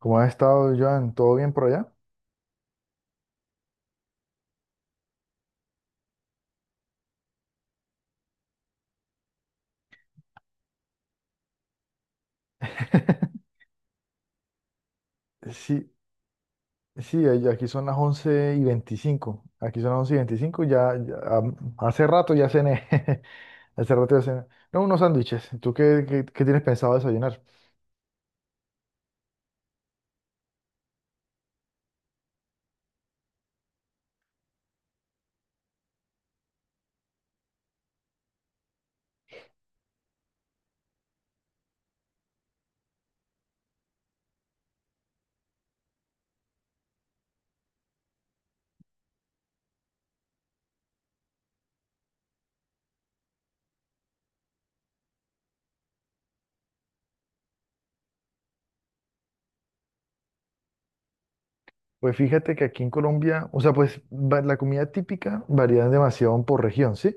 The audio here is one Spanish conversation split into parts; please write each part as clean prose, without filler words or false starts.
¿Cómo has estado, Joan? ¿Todo bien por allá? Sí, Aquí son las 11:25. Aquí son las 11 y 25. Hace rato ya cené. Hace rato ya cené. No, unos sándwiches. ¿Tú qué tienes pensado desayunar? Pues fíjate que aquí en Colombia, o sea, la comida típica varía demasiado por región, ¿sí?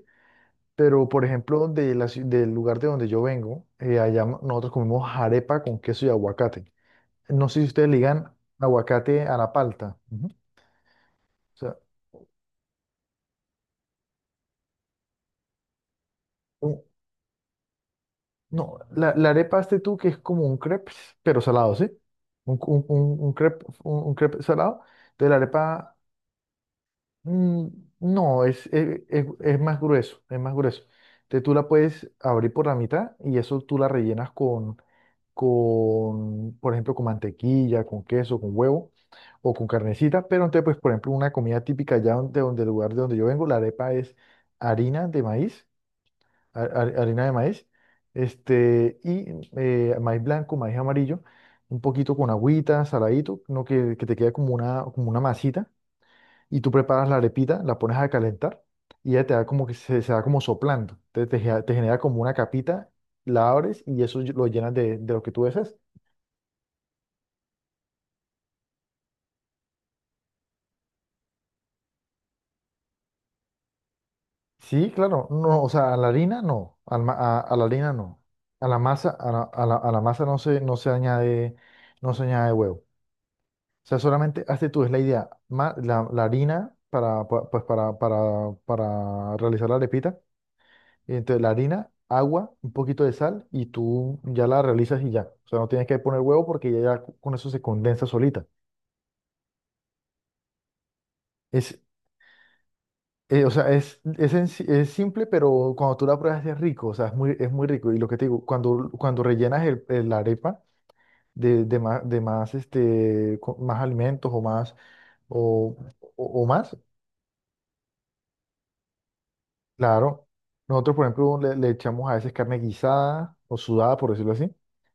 Pero, por ejemplo, del lugar de donde yo vengo, nosotros comemos arepa con queso y aguacate. No sé si ustedes ligan aguacate a la palta. Ujú. O sea, Un- no, la arepa este tú que es como un crepe, pero salado, ¿sí? Un crepe, un crepe salado. Entonces la arepa, mm, no, es más grueso, es más grueso. Entonces tú la puedes abrir por la mitad y eso tú la rellenas con, por ejemplo, con mantequilla, con queso, con huevo o con carnecita. Pero entonces, pues, por ejemplo, una comida típica allá de donde, del lugar de donde yo vengo, la arepa es harina de maíz harina de maíz, este, y maíz blanco, maíz amarillo, un poquito con agüita, saladito, no que, que te quede como una masita, y tú preparas la arepita, la pones a calentar, y ya te da como que se da como soplando, te genera como una capita, la abres y eso lo llenas de lo que tú deseas. Sí, claro, no, o sea, a la harina no, a la harina no, a la masa, a la masa no se, no se añade, no se añade huevo. O sea, solamente hazte tú, es la idea. La harina pues para realizar la arepita. Y entonces la harina, agua, un poquito de sal y tú ya la realizas y ya. O sea, no tienes que poner huevo porque ya, ya con eso se condensa solita. Es, o sea, es simple, pero cuando tú la pruebas es rico. O sea, es muy rico. Y lo que te digo, cuando, cuando rellenas la arepa de más, este, más alimentos o más, o, o más. Claro. Nosotros, por ejemplo, le echamos a veces carne guisada o sudada, por decirlo así,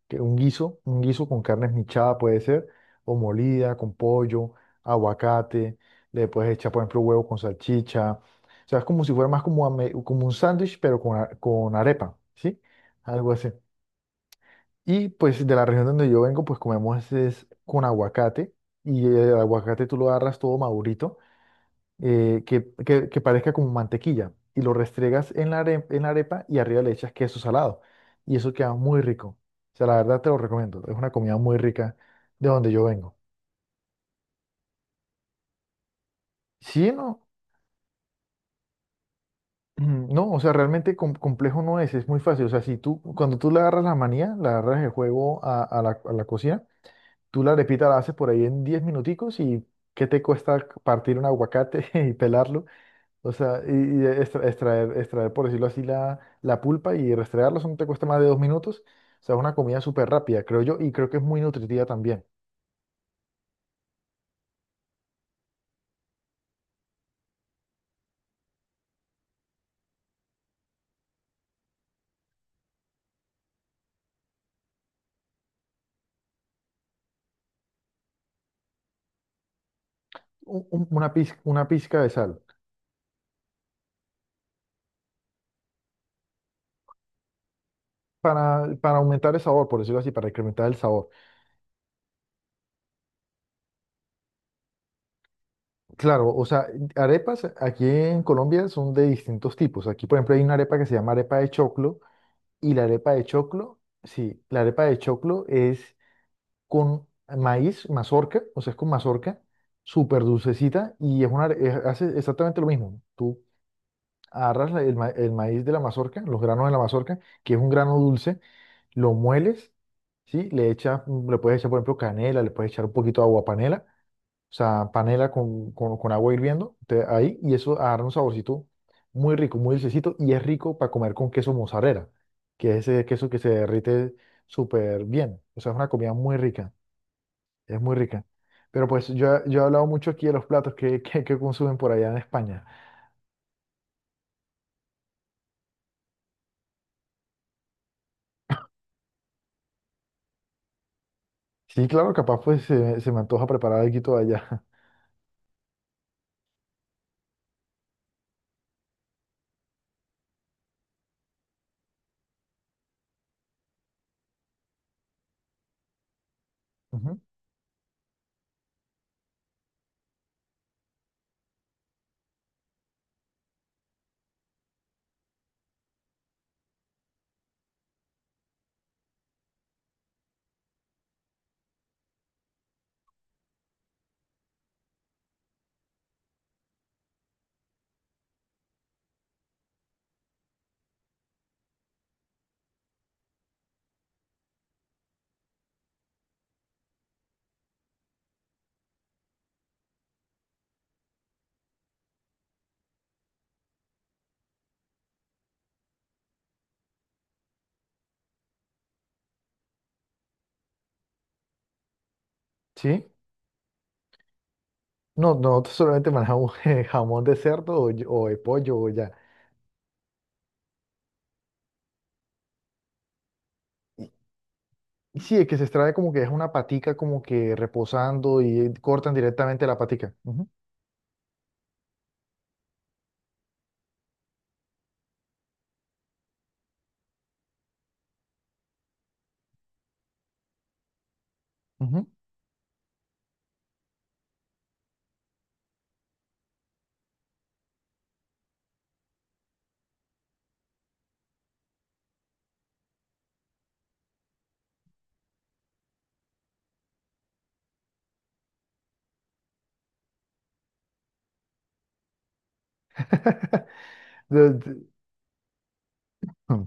que un guiso con carne esmechada puede ser, o molida, con pollo, aguacate, le puedes echar, por ejemplo, huevo con salchicha. O sea, es como si fuera más como, como un sándwich, pero con arepa, ¿sí? Algo así. Y pues de la región donde yo vengo, pues comemos es con aguacate, y el aguacate tú lo agarras todo madurito que, que parezca como mantequilla y lo restregas en la, en la arepa y arriba le echas queso salado y eso queda muy rico. O sea, la verdad te lo recomiendo, es una comida muy rica de donde yo vengo. Sí, no, no, o sea, realmente complejo no es, es muy fácil. O sea, si tú, cuando tú le agarras la manía, le agarras el juego a la cocina, tú la arepita la haces por ahí en 10 minuticos y ¿qué te cuesta partir un aguacate y pelarlo? O sea, y extraer, extraer, por decirlo así, la pulpa y restregarla, eso no te cuesta más de 2 minutos. O sea, es una comida súper rápida, creo yo, y creo que es muy nutritiva también. Una pizca de sal para aumentar el sabor, por decirlo así, para incrementar el sabor. Claro, o sea, arepas aquí en Colombia son de distintos tipos. Aquí, por ejemplo, hay una arepa que se llama arepa de choclo, y la arepa de choclo, sí, la arepa de choclo es con maíz, mazorca, o sea, es con mazorca, súper dulcecita y es una, hace exactamente lo mismo. Tú agarras el, el maíz de la mazorca, los granos de la mazorca, que es un grano dulce, lo mueles, ¿sí? Le echas, le puedes echar, por ejemplo, canela, le puedes echar un poquito de agua panela, o sea, panela con agua hirviendo, ahí, y eso agarra un saborcito muy rico, muy dulcecito y es rico para comer con queso mozzarella, que es ese queso que se derrite súper bien, o sea, es una comida muy rica es muy rica. Pero pues yo he hablado mucho aquí de los platos que consumen por allá en España. Sí, claro, capaz pues se me antoja preparar algo de allá. Ujú. ¿Sí? No, no solamente manejamos jamón de cerdo o de pollo o ya. Y, y sí, es que se extrae como que es una patica como que reposando y cortan directamente la patica. Ujú, ujú. De- de- Hmm.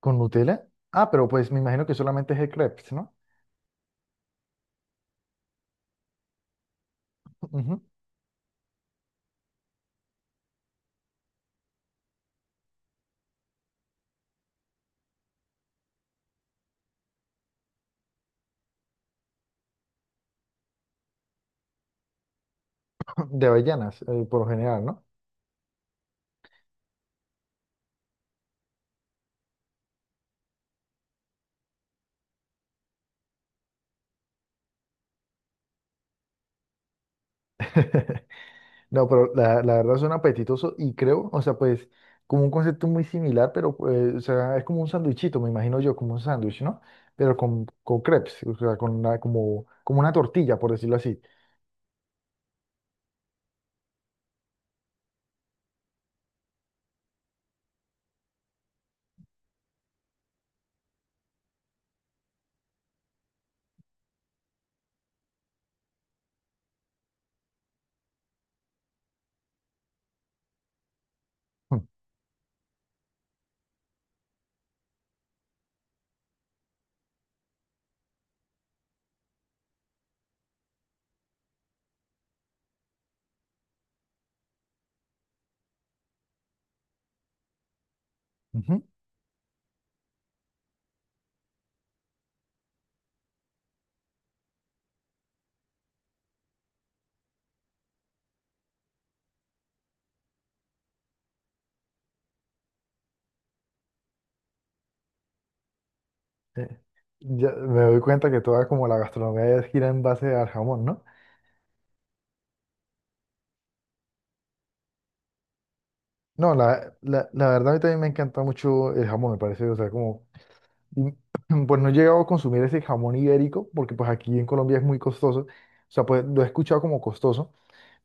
¿Con Nutella? Ah, pero pues me imagino que solamente es el crepes, ¿no? Ujú. De avellanas, por lo general, ¿no? No, pero la verdad suena apetitoso y creo, o sea, pues como un concepto muy similar, pero pues, o sea, es como un sándwichito, me imagino yo, como un sándwich, ¿no? Pero con crepes, o sea, con una, como, como una tortilla, por decirlo así. Mm, ujú. Eh, ya me doy cuenta que toda como la gastronomía gira en base al jamón, ¿no? No, la verdad a mí también me encanta mucho el jamón, me parece, o sea, como, y, pues no he llegado a consumir ese jamón ibérico, porque pues aquí en Colombia es muy costoso, o sea, pues lo he escuchado como costoso.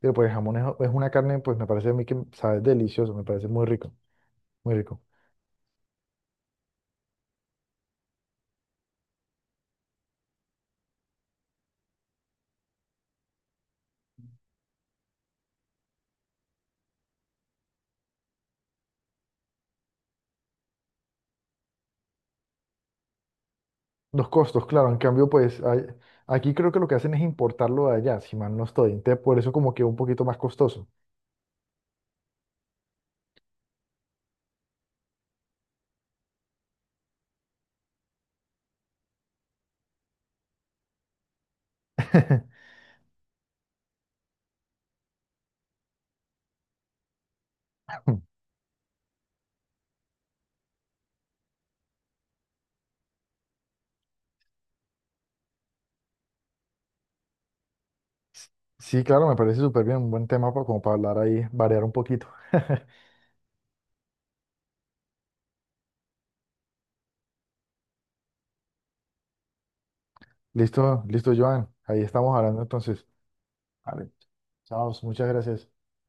Pero pues el jamón es una carne, pues me parece a mí que sabe delicioso, me parece muy rico, muy rico. Los costos, claro, en cambio, aquí creo que lo que hacen es importarlo de allá, si mal no estoy. Entonces, por eso como que un poquito más costoso. Sí, claro, me parece súper bien, un buen tema como para hablar ahí, variar un poquito. Listo, listo, Joan. Ahí estamos hablando entonces. Vale, chao, muchas gracias.